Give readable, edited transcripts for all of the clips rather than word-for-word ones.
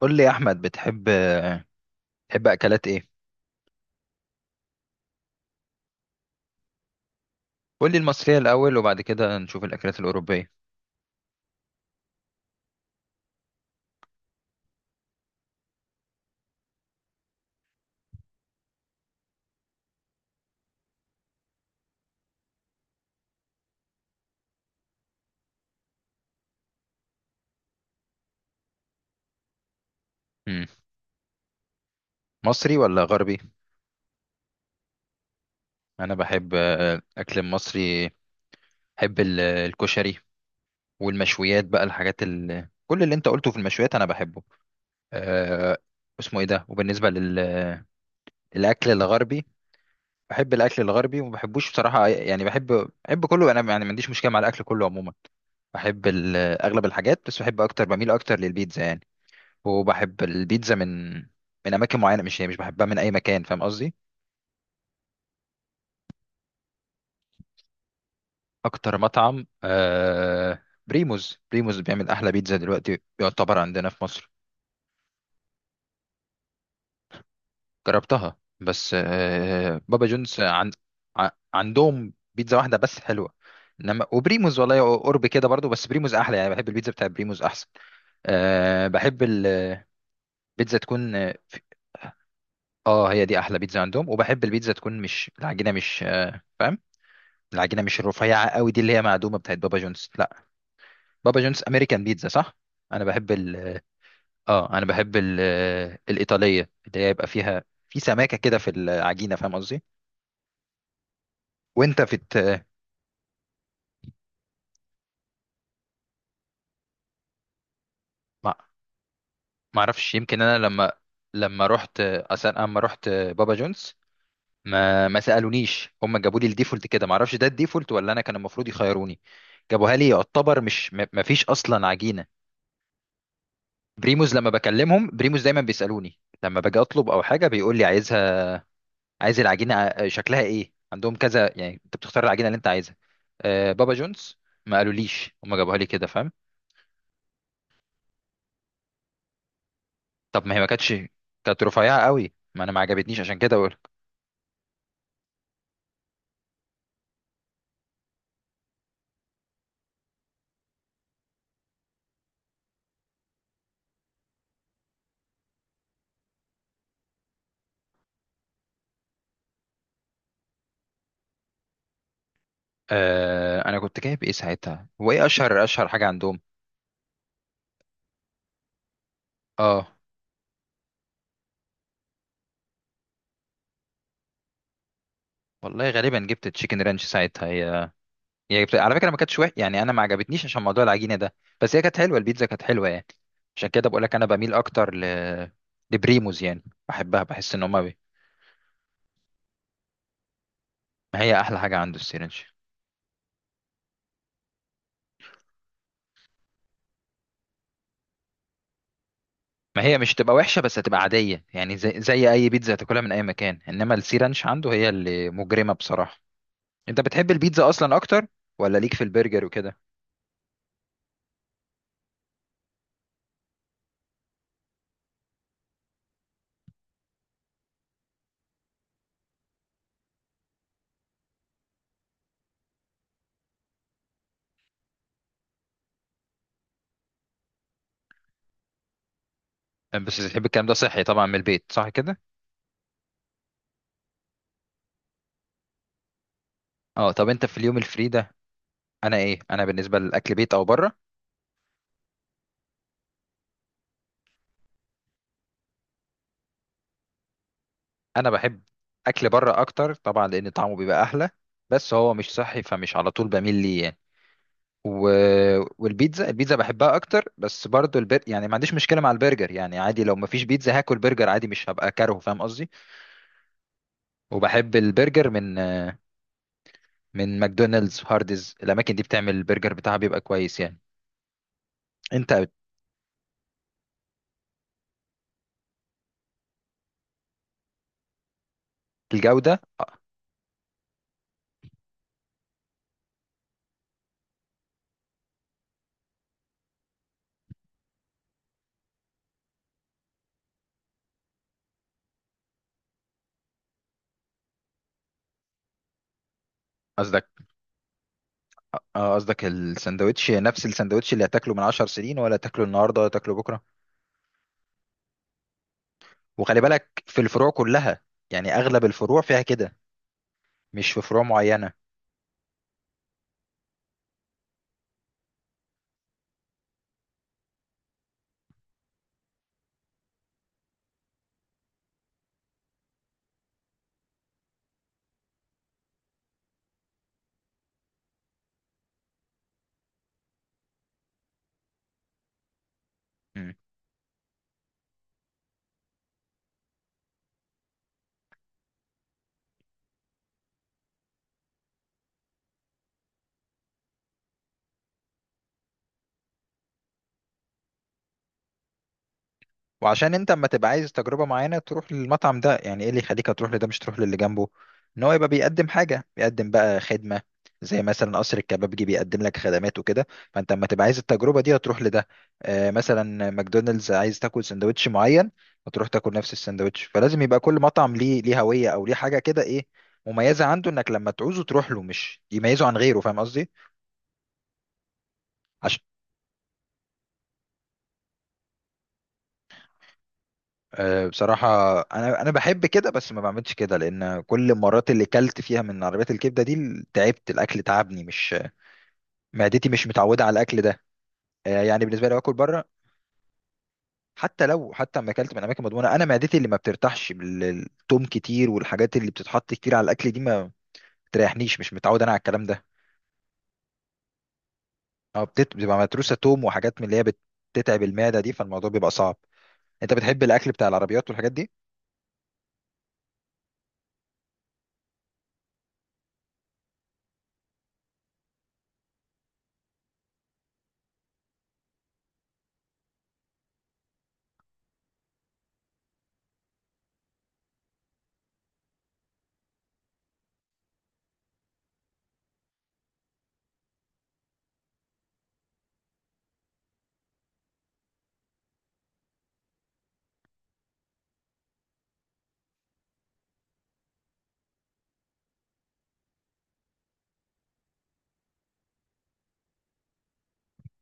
قول لي يا احمد، بتحب اكلات ايه؟ قول لي المصريه الاول وبعد كده نشوف الاكلات الاوروبيه. امم مصري ولا غربي؟ انا بحب اكل مصري. بحب الكشري والمشويات بقى، الحاجات كل اللي انت قلته في المشويات انا بحبه. أه... اسمه ايه ده؟ وبالنسبه للاكل الغربي، بحب الاكل الغربي وما بحبوش بصراحه، يعني بحب كله انا يعني، ما عنديش مشكله مع الاكل كله عموما. بحب اغلب الحاجات، بس بحب اكتر، بميل اكتر للبيتزا يعني. وبحب البيتزا من اماكن معينه، مش مش بحبها من اي مكان، فاهم قصدي؟ اكتر مطعم بريموز بيعمل احلى بيتزا دلوقتي يعتبر عندنا في مصر. جربتها بس، بابا جونز ع- عندهم بيتزا واحده بس حلوه، انما وبريموز والله قرب كده برضو، بس بريموز احلى يعني، بحب البيتزا بتاع بريموز احسن. بحب البيتزا تكون هي دي احلى بيتزا عندهم. وبحب البيتزا تكون مش العجينه، مش فاهم، العجينه مش الرفيعه قوي دي اللي هي معدومه بتاعت بابا جونز، لا. بابا جونز امريكان بيتزا صح؟ انا بحب ال اه انا بحب الايطاليه اللي هي يبقى فيها في سماكه كده في العجينه، فاهم قصدي؟ وانت في ما ما اعرفش، يمكن انا لما، رحت اصلا، اما رحت بابا جونز ما سالونيش، هم جابوا لي الديفولت كده، ما اعرفش ده الديفولت ولا انا كان المفروض يخيروني. جابوها لي يعتبر، مش ما فيش اصلا عجينه. بريموز لما بكلمهم، بريموز دايما بيسالوني لما باجي اطلب او حاجه، بيقول لي عايز العجينه شكلها ايه؟ عندهم كذا، يعني انت بتختار العجينه اللي انت عايزها. بابا جونز ما قالوليش، هم جابوها لي كده فاهم. طب ما هي، ما كانتش كانت رفيعه قوي، ما انا ما عجبتنيش عشان كده بقولك. انا كنت جايب ايه ساعتها؟ هو ايه اشهر حاجه عندهم؟ اه، والله غالبا جبت تشيكن رانش ساعتها. هي جبت على فكره، ما كانتش وحش يعني، انا ما عجبتنيش عشان موضوع العجينه ده، بس هي كانت حلوه، البيتزا كانت حلوه يعني. عشان كده بقولك انا بميل اكتر لبريموز يعني، بحبها، بحس ان هما ما هي احلى حاجه عنده السيرنج. ما هي مش هتبقى وحشه بس هتبقى عاديه، يعني زي اي بيتزا هتاكلها من اي مكان، انما السي رانش عنده هي اللي مجرمه بصراحه. انت بتحب البيتزا اصلا اكتر ولا ليك في البرجر وكده؟ بس بتحب الكلام ده صحي طبعا، من البيت صح كده؟ اه، طب انت في اليوم الفري ده، انا ايه، انا بالنسبه للاكل، بيت او بره؟ انا بحب اكل بره اكتر طبعا، لان طعمه بيبقى احلى، بس هو مش صحي فمش على طول بميل ليه يعني. و... البيتزا بحبها اكتر، بس برضو يعني ما عنديش مشكله مع البرجر، يعني عادي لو ما فيش بيتزا هاكل برجر عادي، مش هبقى كاره فاهم قصدي. وبحب البرجر من ماكدونالدز، هاردز، الاماكن دي بتعمل البرجر بتاعها بيبقى كويس يعني. انت الجوده، قصدك، اه قصدك الساندوتش، نفس الساندوتش اللي هتاكله من 10 سنين، ولا تاكله النهارده، ولا تاكله بكره. وخلي بالك في الفروع كلها، يعني اغلب الفروع فيها كده، مش في فروع معينه. وعشان انت اما تبقى عايز تجربة معينة تروح للمطعم ده، يعني ايه اللي يخليك تروح لده مش تروح للي جنبه؟ ان هو يبقى بيقدم حاجة، بيقدم بقى خدمة، زي مثلا قصر الكبابجي بيقدم لك خدمات وكده، فانت اما تبقى عايز التجربة دي هتروح لده. آه مثلا ماكدونالدز، عايز تاكل سندوتش معين هتروح تاكل نفس السندوتش. فلازم يبقى كل مطعم ليه، هوية او ليه حاجة كده، ايه مميزة عنده، انك لما تعوزه تروح له، مش يميزه عن غيره، فاهم قصدي. بصراحة أنا بحب كده، بس ما بعملش كده لأن كل المرات اللي كلت فيها من عربيات الكبدة دي تعبت، الأكل تعبني، مش معدتي مش متعودة على الأكل ده. يعني بالنسبة لي باكل بره، حتى لو، حتى لما أكلت من أماكن مضمونة، أنا معدتي اللي ما بترتاحش بالثوم كتير والحاجات اللي بتتحط كتير على الأكل دي ما بتريحنيش، مش متعود أنا على الكلام ده. أه، بتبقى متروسة توم وحاجات من اللي هي بتتعب المعدة دي، فالموضوع بيبقى صعب. أنت بتحب الأكل بتاع العربيات والحاجات دي؟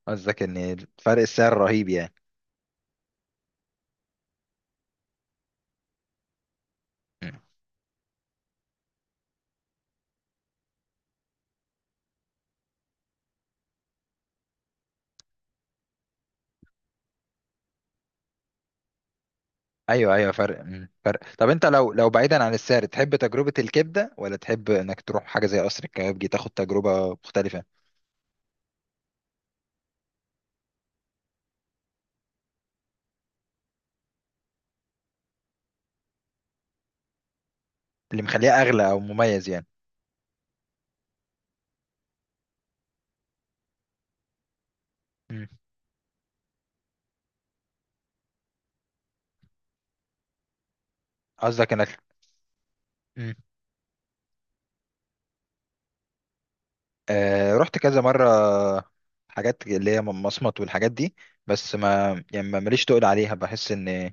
قصدك إن فرق السعر رهيب يعني؟ ايوه، ايوه، فرق، طب انت لو، بعيدا عن السعر، تحب تجربه الكبده ولا تحب انك تروح حاجه زي قصر الكبابجي، تاخد تجربه مختلفه؟ اللي مخليها اغلى او مميز يعني. مم. قصدك انك، مم. رحت كذا مره، حاجات اللي هي مصمت والحاجات دي، بس ما يعني، ماليش تقل عليها، بحس ان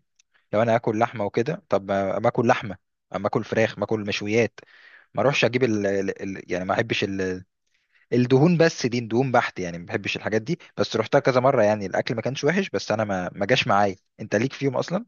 لو انا اكل لحمه وكده، طب ما اكل لحمه، اما اكل فراخ، ما اكل مشويات، ما اروحش اجيب يعني ما احبش الدهون، بس دي دهون بحت يعني ما بحبش الحاجات دي، بس رحتها كذا مره، يعني الاكل ما كانش وحش، بس انا ما جاش معايا، انت ليك فيهم اصلا؟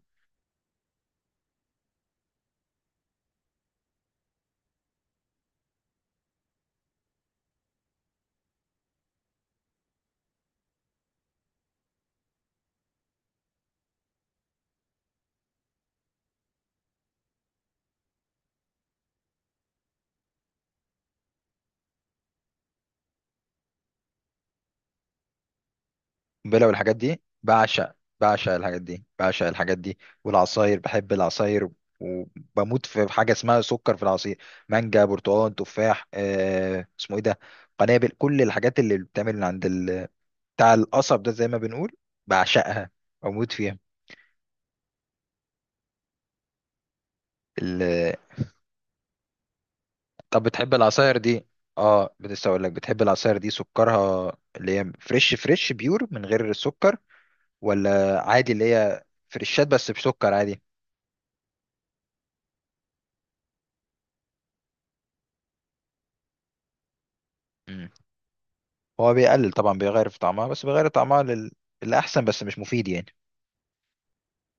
بلا، والحاجات دي بعشق، بعشق الحاجات دي، بعشق الحاجات دي، والعصاير، بحب العصاير، وبموت في حاجه اسمها سكر في العصير، مانجا، برتقال، تفاح، اسمه ايه ده، قنابل، كل الحاجات اللي بتعمل عند بتاع القصب ده زي ما بنقول، بعشقها، بموت فيها. طب بتحب العصاير دي، اه لسه اقول لك، بتحب العصاير دي سكرها اللي هي فريش، فريش بيور من غير سكر، ولا عادي اللي هي فريشات بس بسكر عادي؟ مم. هو بيقلل طبعا، بيغير في طعمها، بس بيغير طعمها الأحسن، بس مش مفيد يعني.